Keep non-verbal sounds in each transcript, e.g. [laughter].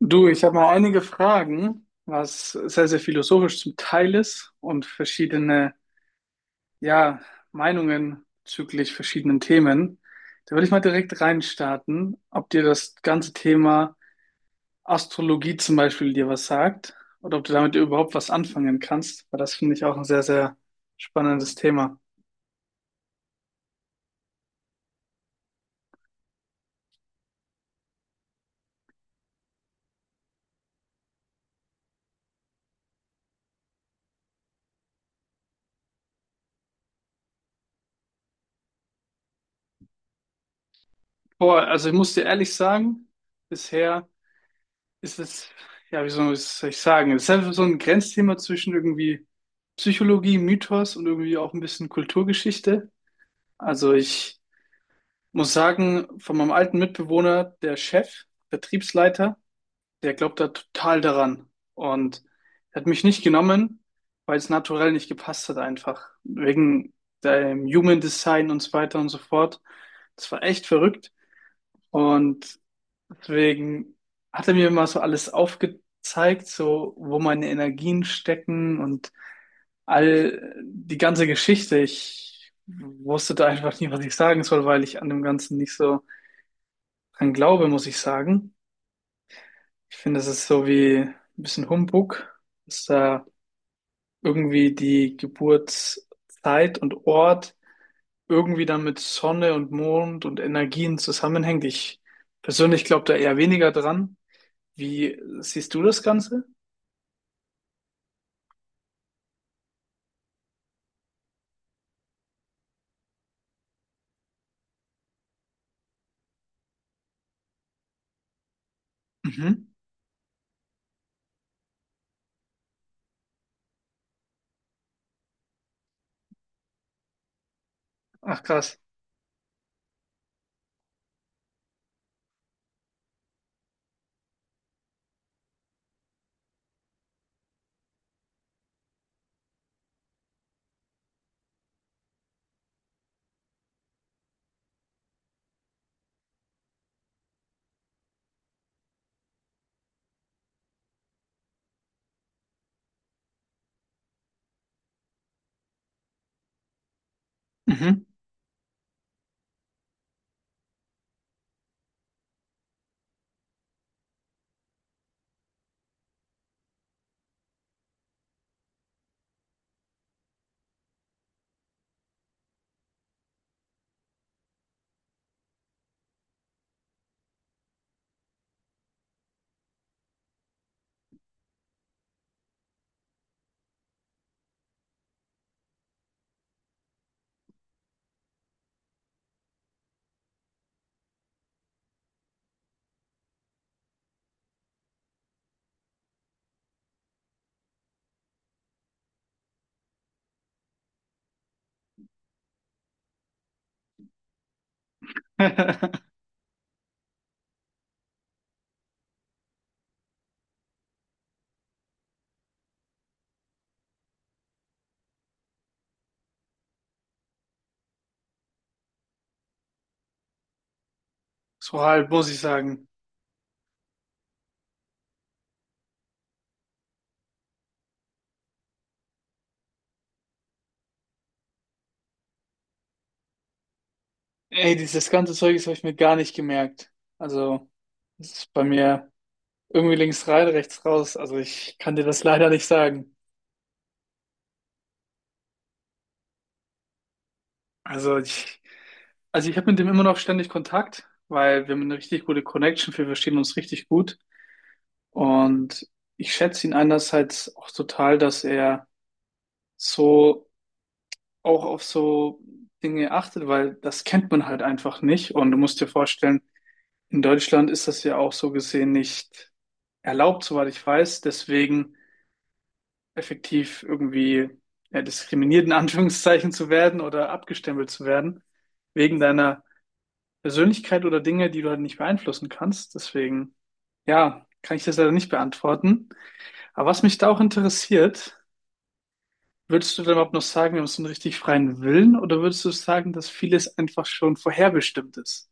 Du, ich habe mal einige Fragen, was sehr, sehr philosophisch zum Teil ist und verschiedene, ja, Meinungen bezüglich verschiedenen Themen. Da würde ich mal direkt reinstarten, ob dir das ganze Thema Astrologie zum Beispiel dir was sagt oder ob du damit überhaupt was anfangen kannst, weil das finde ich auch ein sehr, sehr spannendes Thema. Boah, also ich muss dir ehrlich sagen, bisher ist es, ja, wie soll ich sagen? Es ist einfach so ein Grenzthema zwischen irgendwie Psychologie, Mythos und irgendwie auch ein bisschen Kulturgeschichte. Also ich muss sagen, von meinem alten Mitbewohner, der Chef, Vertriebsleiter, der glaubt da total daran, und er hat mich nicht genommen, weil es naturell nicht gepasst hat einfach. Wegen dem Human Design und so weiter und so fort. Das war echt verrückt. Und Deswegen hat er mir immer so alles aufgezeigt, so wo meine Energien stecken und all die ganze Geschichte. Ich wusste da einfach nie, was ich sagen soll, weil ich an dem Ganzen nicht so dran glaube, muss ich sagen. Ich finde, das ist so wie ein bisschen Humbug, dass da irgendwie die Geburtszeit und Ort irgendwie dann mit Sonne und Mond und Energien zusammenhängt. Ich persönlich glaube da eher weniger dran. Wie siehst du das Ganze? Mhm. Ach, krass. Mhm. [laughs] So halb, muss ich sagen. Ey, dieses ganze Zeug, das habe ich mir gar nicht gemerkt. Also, das ist bei mir irgendwie links rein, rechts raus. Also, ich kann dir das leider nicht sagen. Also, ich, also ich habe mit dem immer noch ständig Kontakt, weil wir haben eine richtig gute Connection. Wir verstehen uns richtig gut. Und ich schätze ihn einerseits auch total, dass er so auch auf so Dinge achtet, weil das kennt man halt einfach nicht. Und du musst dir vorstellen, in Deutschland ist das ja auch so gesehen nicht erlaubt, soweit ich weiß. Deswegen effektiv irgendwie ja, diskriminiert in Anführungszeichen zu werden oder abgestempelt zu werden, wegen deiner Persönlichkeit oder Dinge, die du halt nicht beeinflussen kannst. Deswegen, ja, kann ich das leider nicht beantworten. Aber was mich da auch interessiert, Würdest du dann überhaupt noch sagen, wir haben so einen richtig freien Willen, oder würdest du sagen, dass vieles einfach schon vorherbestimmt ist?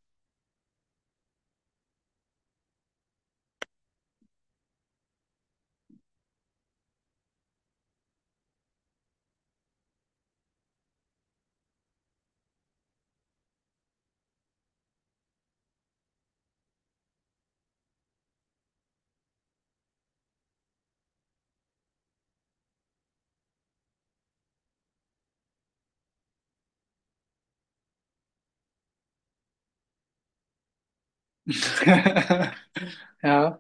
[laughs] Ja,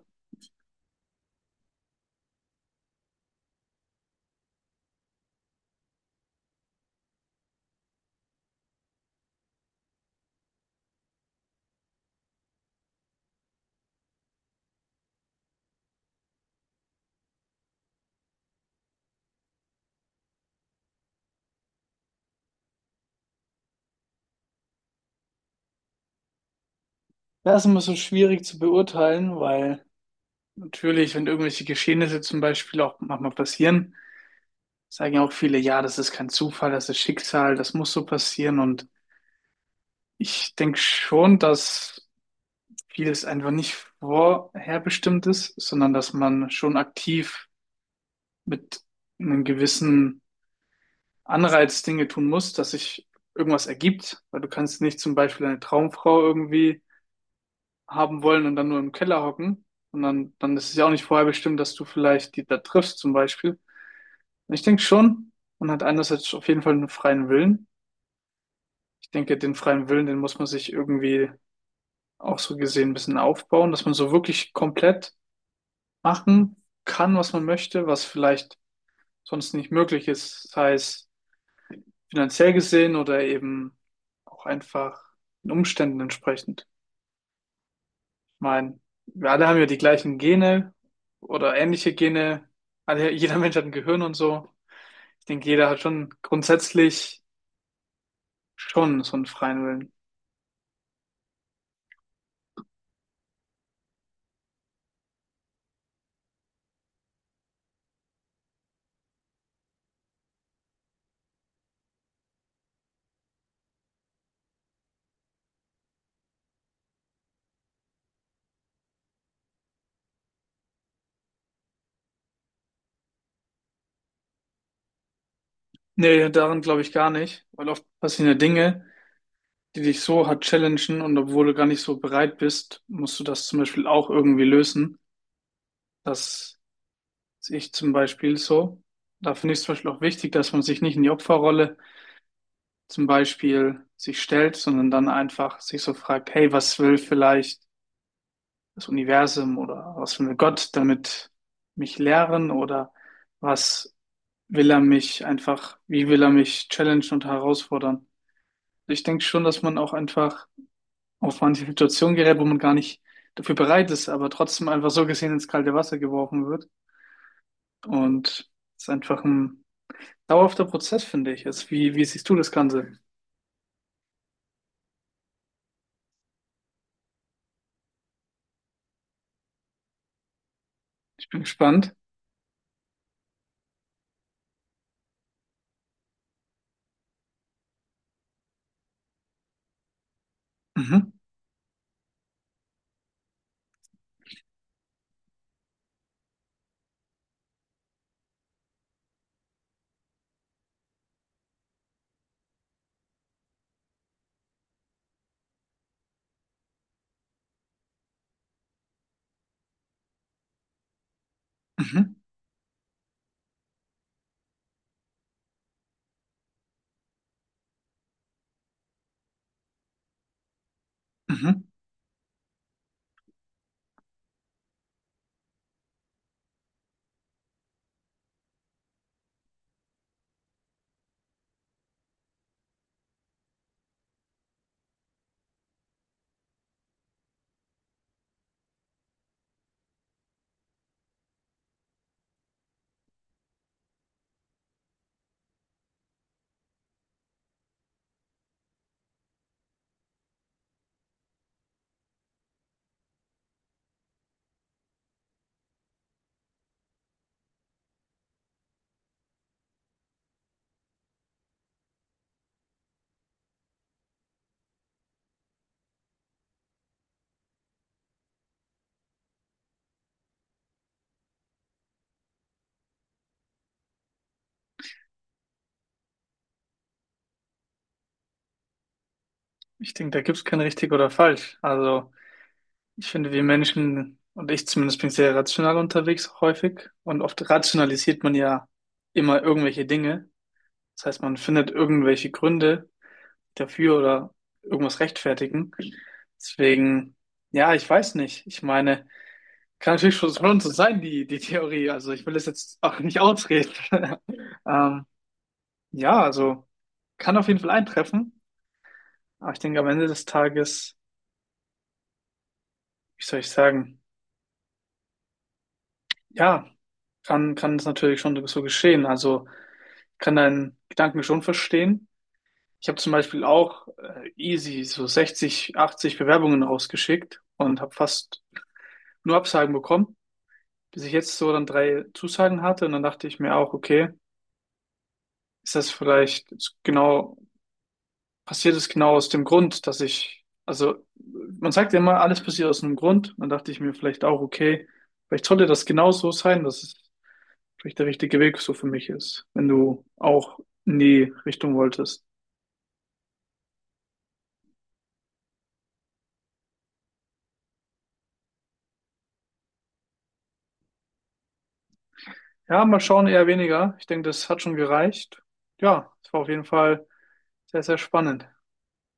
das ist immer so schwierig zu beurteilen, weil natürlich, wenn irgendwelche Geschehnisse zum Beispiel auch manchmal passieren, sagen ja auch viele, ja, das ist kein Zufall, das ist Schicksal, das muss so passieren. Und ich denke schon, dass vieles einfach nicht vorherbestimmt ist, sondern dass man schon aktiv mit einem gewissen Anreiz Dinge tun musst, dass sich irgendwas ergibt, weil du kannst nicht zum Beispiel eine Traumfrau irgendwie haben wollen und dann nur im Keller hocken. Und dann, dann ist es ja auch nicht vorher bestimmt, dass du vielleicht die da triffst zum Beispiel. Und ich denke schon, man hat einerseits auf jeden Fall einen freien Willen. Ich denke, den freien Willen, den muss man sich irgendwie auch so gesehen ein bisschen aufbauen, dass man so wirklich komplett machen kann, was man möchte, was vielleicht sonst nicht möglich ist. Das heißt, finanziell gesehen oder eben auch einfach den Umständen entsprechend. Ich meine, wir alle haben ja die gleichen Gene oder ähnliche Gene. Alle, [laughs] jeder Mensch hat ein Gehirn und so. Ich denke, jeder hat schon grundsätzlich schon so einen freien Willen. Nee, daran glaube ich gar nicht, weil oft passieren ja Dinge, die dich so hart challengen und obwohl du gar nicht so bereit bist, musst du das zum Beispiel auch irgendwie lösen. Das sehe ich zum Beispiel so. Da finde ich es zum Beispiel auch wichtig, dass man sich nicht in die Opferrolle zum Beispiel sich stellt, sondern dann einfach sich so fragt, hey, was will vielleicht das Universum oder was will Gott damit mich lehren oder was will er mich einfach, wie will er mich challengen und herausfordern? Ich denke schon, dass man auch einfach auf manche Situationen gerät, wo man gar nicht dafür bereit ist, aber trotzdem einfach so gesehen ins kalte Wasser geworfen wird. Und es ist einfach ein dauerhafter Prozess, finde ich. Also wie siehst du das Ganze? Ich bin gespannt. Mhm. Mhm. Mhm. Ich denke, da gibt es kein richtig oder falsch. Also ich finde, wir Menschen und ich zumindest bin sehr rational unterwegs auch häufig und oft rationalisiert man ja immer irgendwelche Dinge. Das heißt, man findet irgendwelche Gründe dafür oder irgendwas rechtfertigen. Deswegen, ja, ich weiß nicht. Ich meine, kann natürlich schon so sein, die Theorie. Also ich will das jetzt auch nicht ausreden. [laughs] Ähm, ja, also kann auf jeden Fall eintreffen. Aber ich denke, am Ende des Tages, wie soll ich sagen, ja, kann es natürlich schon so geschehen. Also ich kann deinen Gedanken schon verstehen. Ich habe zum Beispiel auch easy so 60, 80 Bewerbungen rausgeschickt und habe fast nur Absagen bekommen, bis ich jetzt so dann 3 Zusagen hatte. Und dann dachte ich mir auch, okay, ist das vielleicht genau, passiert es genau aus dem Grund, dass ich, also man sagt ja immer, alles passiert aus einem Grund. Dann dachte ich mir vielleicht auch, okay, vielleicht sollte das genau so sein, dass es vielleicht der richtige Weg so für mich ist, wenn du auch in die Richtung wolltest. Ja, mal schauen, eher weniger. Ich denke, das hat schon gereicht. Ja, es war auf jeden Fall sehr, sehr spannend.